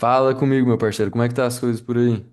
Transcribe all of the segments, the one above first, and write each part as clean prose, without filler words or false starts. Fala comigo, meu parceiro, como é que tá as coisas por aí?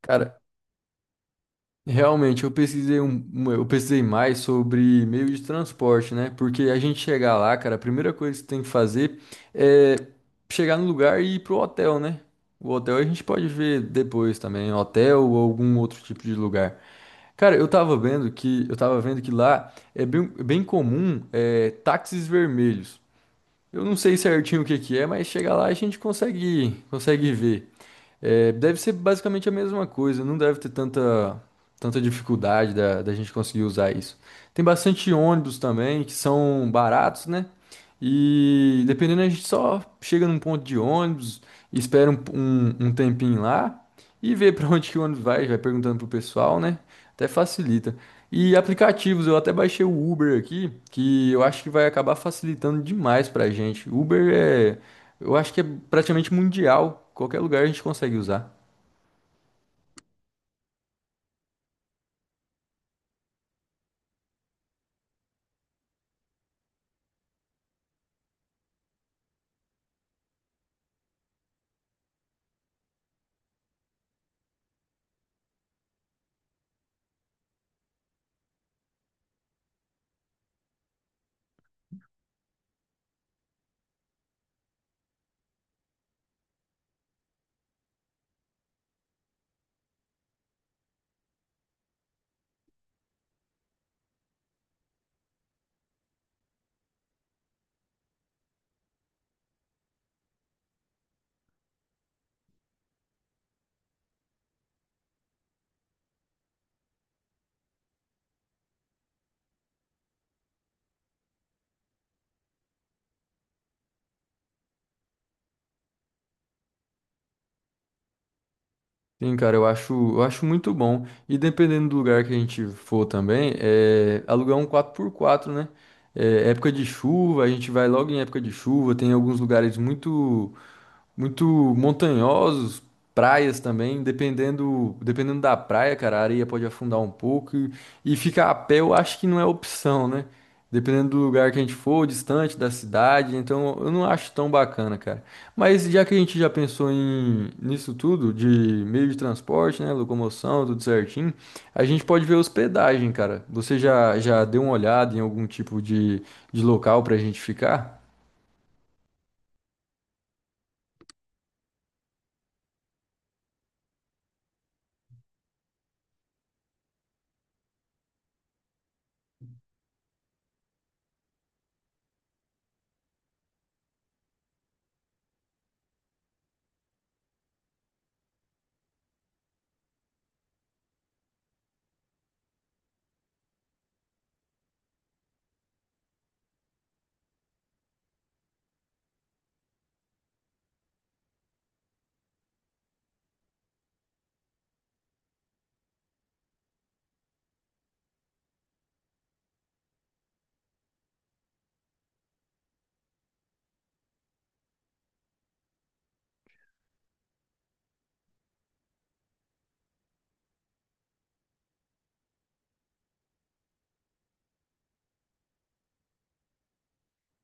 Cara, realmente eu pesquisei eu pesquisei mais sobre meio de transporte, né? Porque a gente chegar lá, cara, a primeira coisa que você tem que fazer é chegar no lugar e ir pro hotel, né? O hotel a gente pode ver depois também, hotel ou algum outro tipo de lugar. Cara, eu tava vendo que lá é bem comum táxis vermelhos. Eu não sei certinho o que que é, mas chega lá a gente consegue, consegue ver. É, deve ser basicamente a mesma coisa, não deve ter tanta dificuldade da gente conseguir usar isso. Tem bastante ônibus também, que são baratos, né? E dependendo, a gente só chega num ponto de ônibus, espera um tempinho lá e vê pra onde que o ônibus vai, vai perguntando pro pessoal, né? Até facilita. E aplicativos, eu até baixei o Uber aqui, que eu acho que vai acabar facilitando demais pra gente. Eu acho que é praticamente mundial. Qualquer lugar a gente consegue usar. Sim, cara, eu acho muito bom. E dependendo do lugar que a gente for também, é alugar um 4x4, né? É, época de chuva, a gente vai logo em época de chuva. Tem alguns lugares muito muito montanhosos, praias também, dependendo da praia, cara, a areia pode afundar um pouco e ficar a pé eu acho que não é opção, né? Dependendo do lugar que a gente for, distante da cidade, então eu não acho tão bacana, cara. Mas já que a gente já pensou em nisso tudo, de meio de transporte, né, locomoção, tudo certinho, a gente pode ver hospedagem, cara. Já deu uma olhada em algum tipo de local pra gente ficar?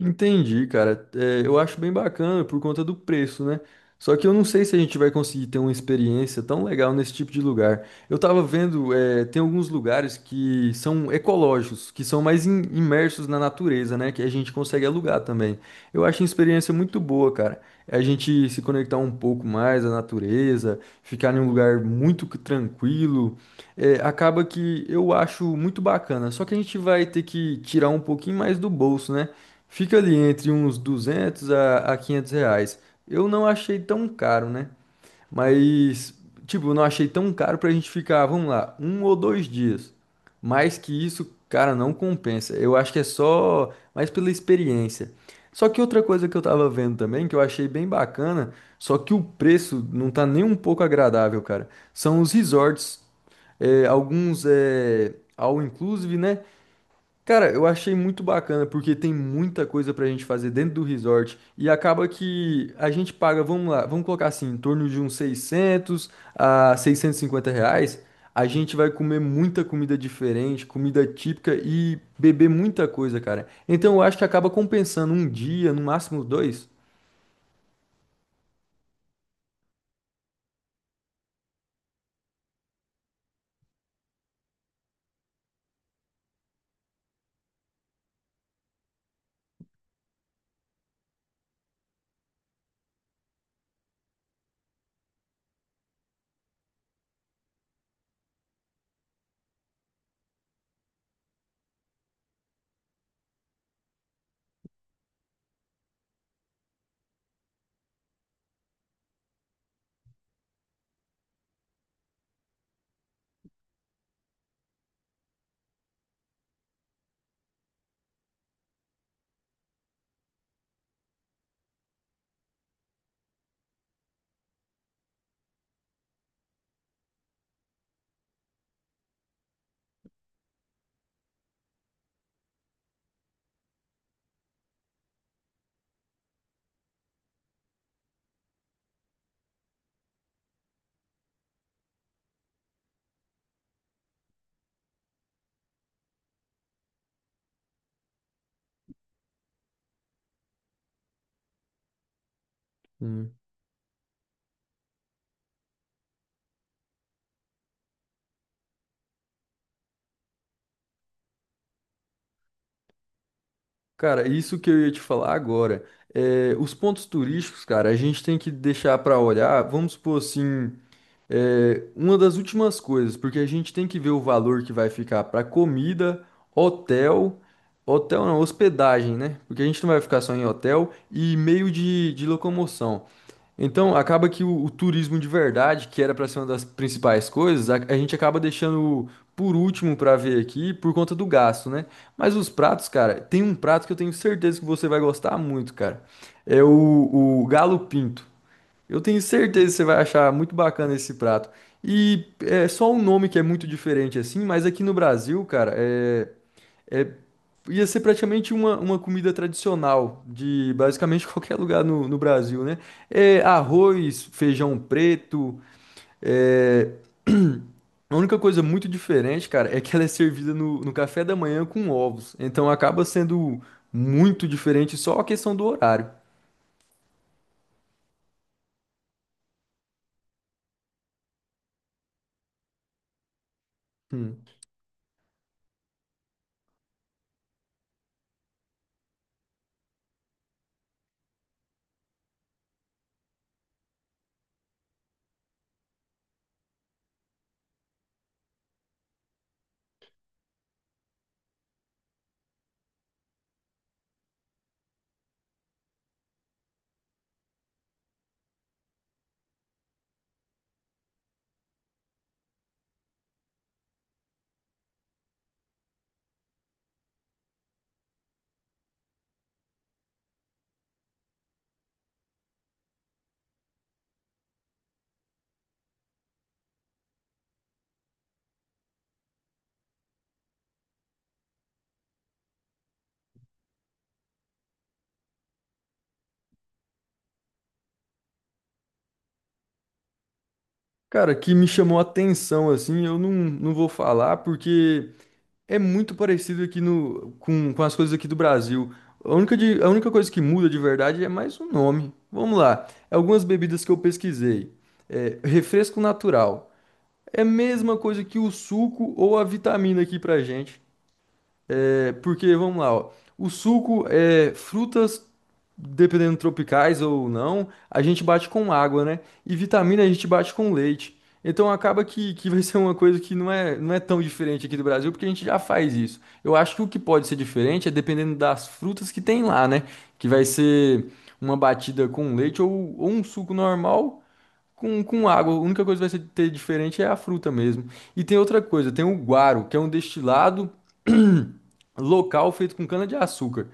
Entendi, cara. É, eu acho bem bacana por conta do preço, né? Só que eu não sei se a gente vai conseguir ter uma experiência tão legal nesse tipo de lugar. Eu tava vendo, é, tem alguns lugares que são ecológicos, que são mais imersos na natureza, né? Que a gente consegue alugar também. Eu acho uma experiência muito boa, cara. É. A gente se conectar um pouco mais à natureza, ficar em um lugar muito tranquilo. É, acaba que eu acho muito bacana. Só que a gente vai ter que tirar um pouquinho mais do bolso, né? Fica ali entre uns 200 a 500 reais. Eu não achei tão caro, né? Mas, tipo, eu não achei tão caro pra gente ficar, vamos lá, um ou dois dias. Mais que isso, cara, não compensa. Eu acho que é só mais pela experiência. Só que outra coisa que eu tava vendo também, que eu achei bem bacana, só que o preço não tá nem um pouco agradável, cara. São os resorts, alguns é all inclusive, né? Cara, eu achei muito bacana porque tem muita coisa pra gente fazer dentro do resort e acaba que a gente paga, vamos lá, vamos colocar assim, em torno de uns 600 a 650 reais. A gente vai comer muita comida diferente, comida típica e beber muita coisa, cara. Então eu acho que acaba compensando um dia, no máximo dois. Hum. Cara, isso que eu ia te falar agora. É, os pontos turísticos, cara, a gente tem que deixar pra olhar, vamos supor assim. É, uma das últimas coisas, porque a gente tem que ver o valor que vai ficar para comida, hotel, hotel não, hospedagem, né? Porque a gente não vai ficar só em hotel e meio de locomoção. Então, acaba que o turismo de verdade, que era para ser uma das principais coisas, a gente acaba deixando por último para ver aqui por conta do gasto, né? Mas os pratos, cara, tem um prato que eu tenho certeza que você vai gostar muito, cara. É o galo pinto. Eu tenho certeza que você vai achar muito bacana esse prato. E é só um nome que é muito diferente assim, mas aqui no Brasil, cara, é- ia ser praticamente uma comida tradicional de basicamente qualquer lugar no Brasil, né? É arroz, feijão preto. é, A única coisa muito diferente, cara, é que ela é servida no café da manhã com ovos. Então acaba sendo muito diferente só a questão do horário. Hum. Cara, que me chamou a atenção, assim, eu não, não vou falar porque é muito parecido aqui no, com as coisas aqui do Brasil. A única coisa que muda de verdade é mais o nome. Vamos lá, é algumas bebidas que eu pesquisei. É, refresco natural. É a mesma coisa que o suco ou a vitamina aqui pra gente. É, porque, vamos lá, ó. O suco é frutas, dependendo tropicais ou não, a gente bate com água, né? E vitamina a gente bate com leite. Então acaba que vai ser uma coisa que não é tão diferente aqui do Brasil, porque a gente já faz isso. Eu acho que o que pode ser diferente é dependendo das frutas que tem lá, né? Que vai ser uma batida com leite ou um suco normal com água. A única coisa que vai ser ter diferente é a fruta mesmo. E tem outra coisa, tem o guaro, que é um destilado local feito com cana-de-açúcar.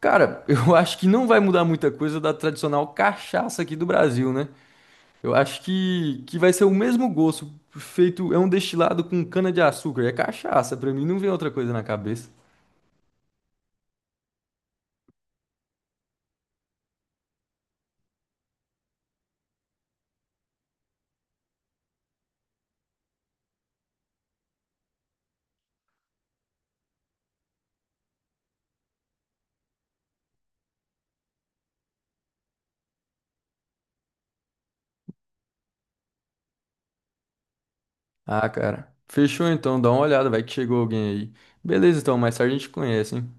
Cara, eu acho que não vai mudar muita coisa da tradicional cachaça aqui do Brasil, né? Eu acho que vai ser o mesmo gosto, feito, é um destilado com cana-de-açúcar, é cachaça, pra mim não vem outra coisa na cabeça. Ah, cara, fechou então, dá uma olhada, vai que chegou alguém aí. Beleza então, mais tarde a gente conhece, hein?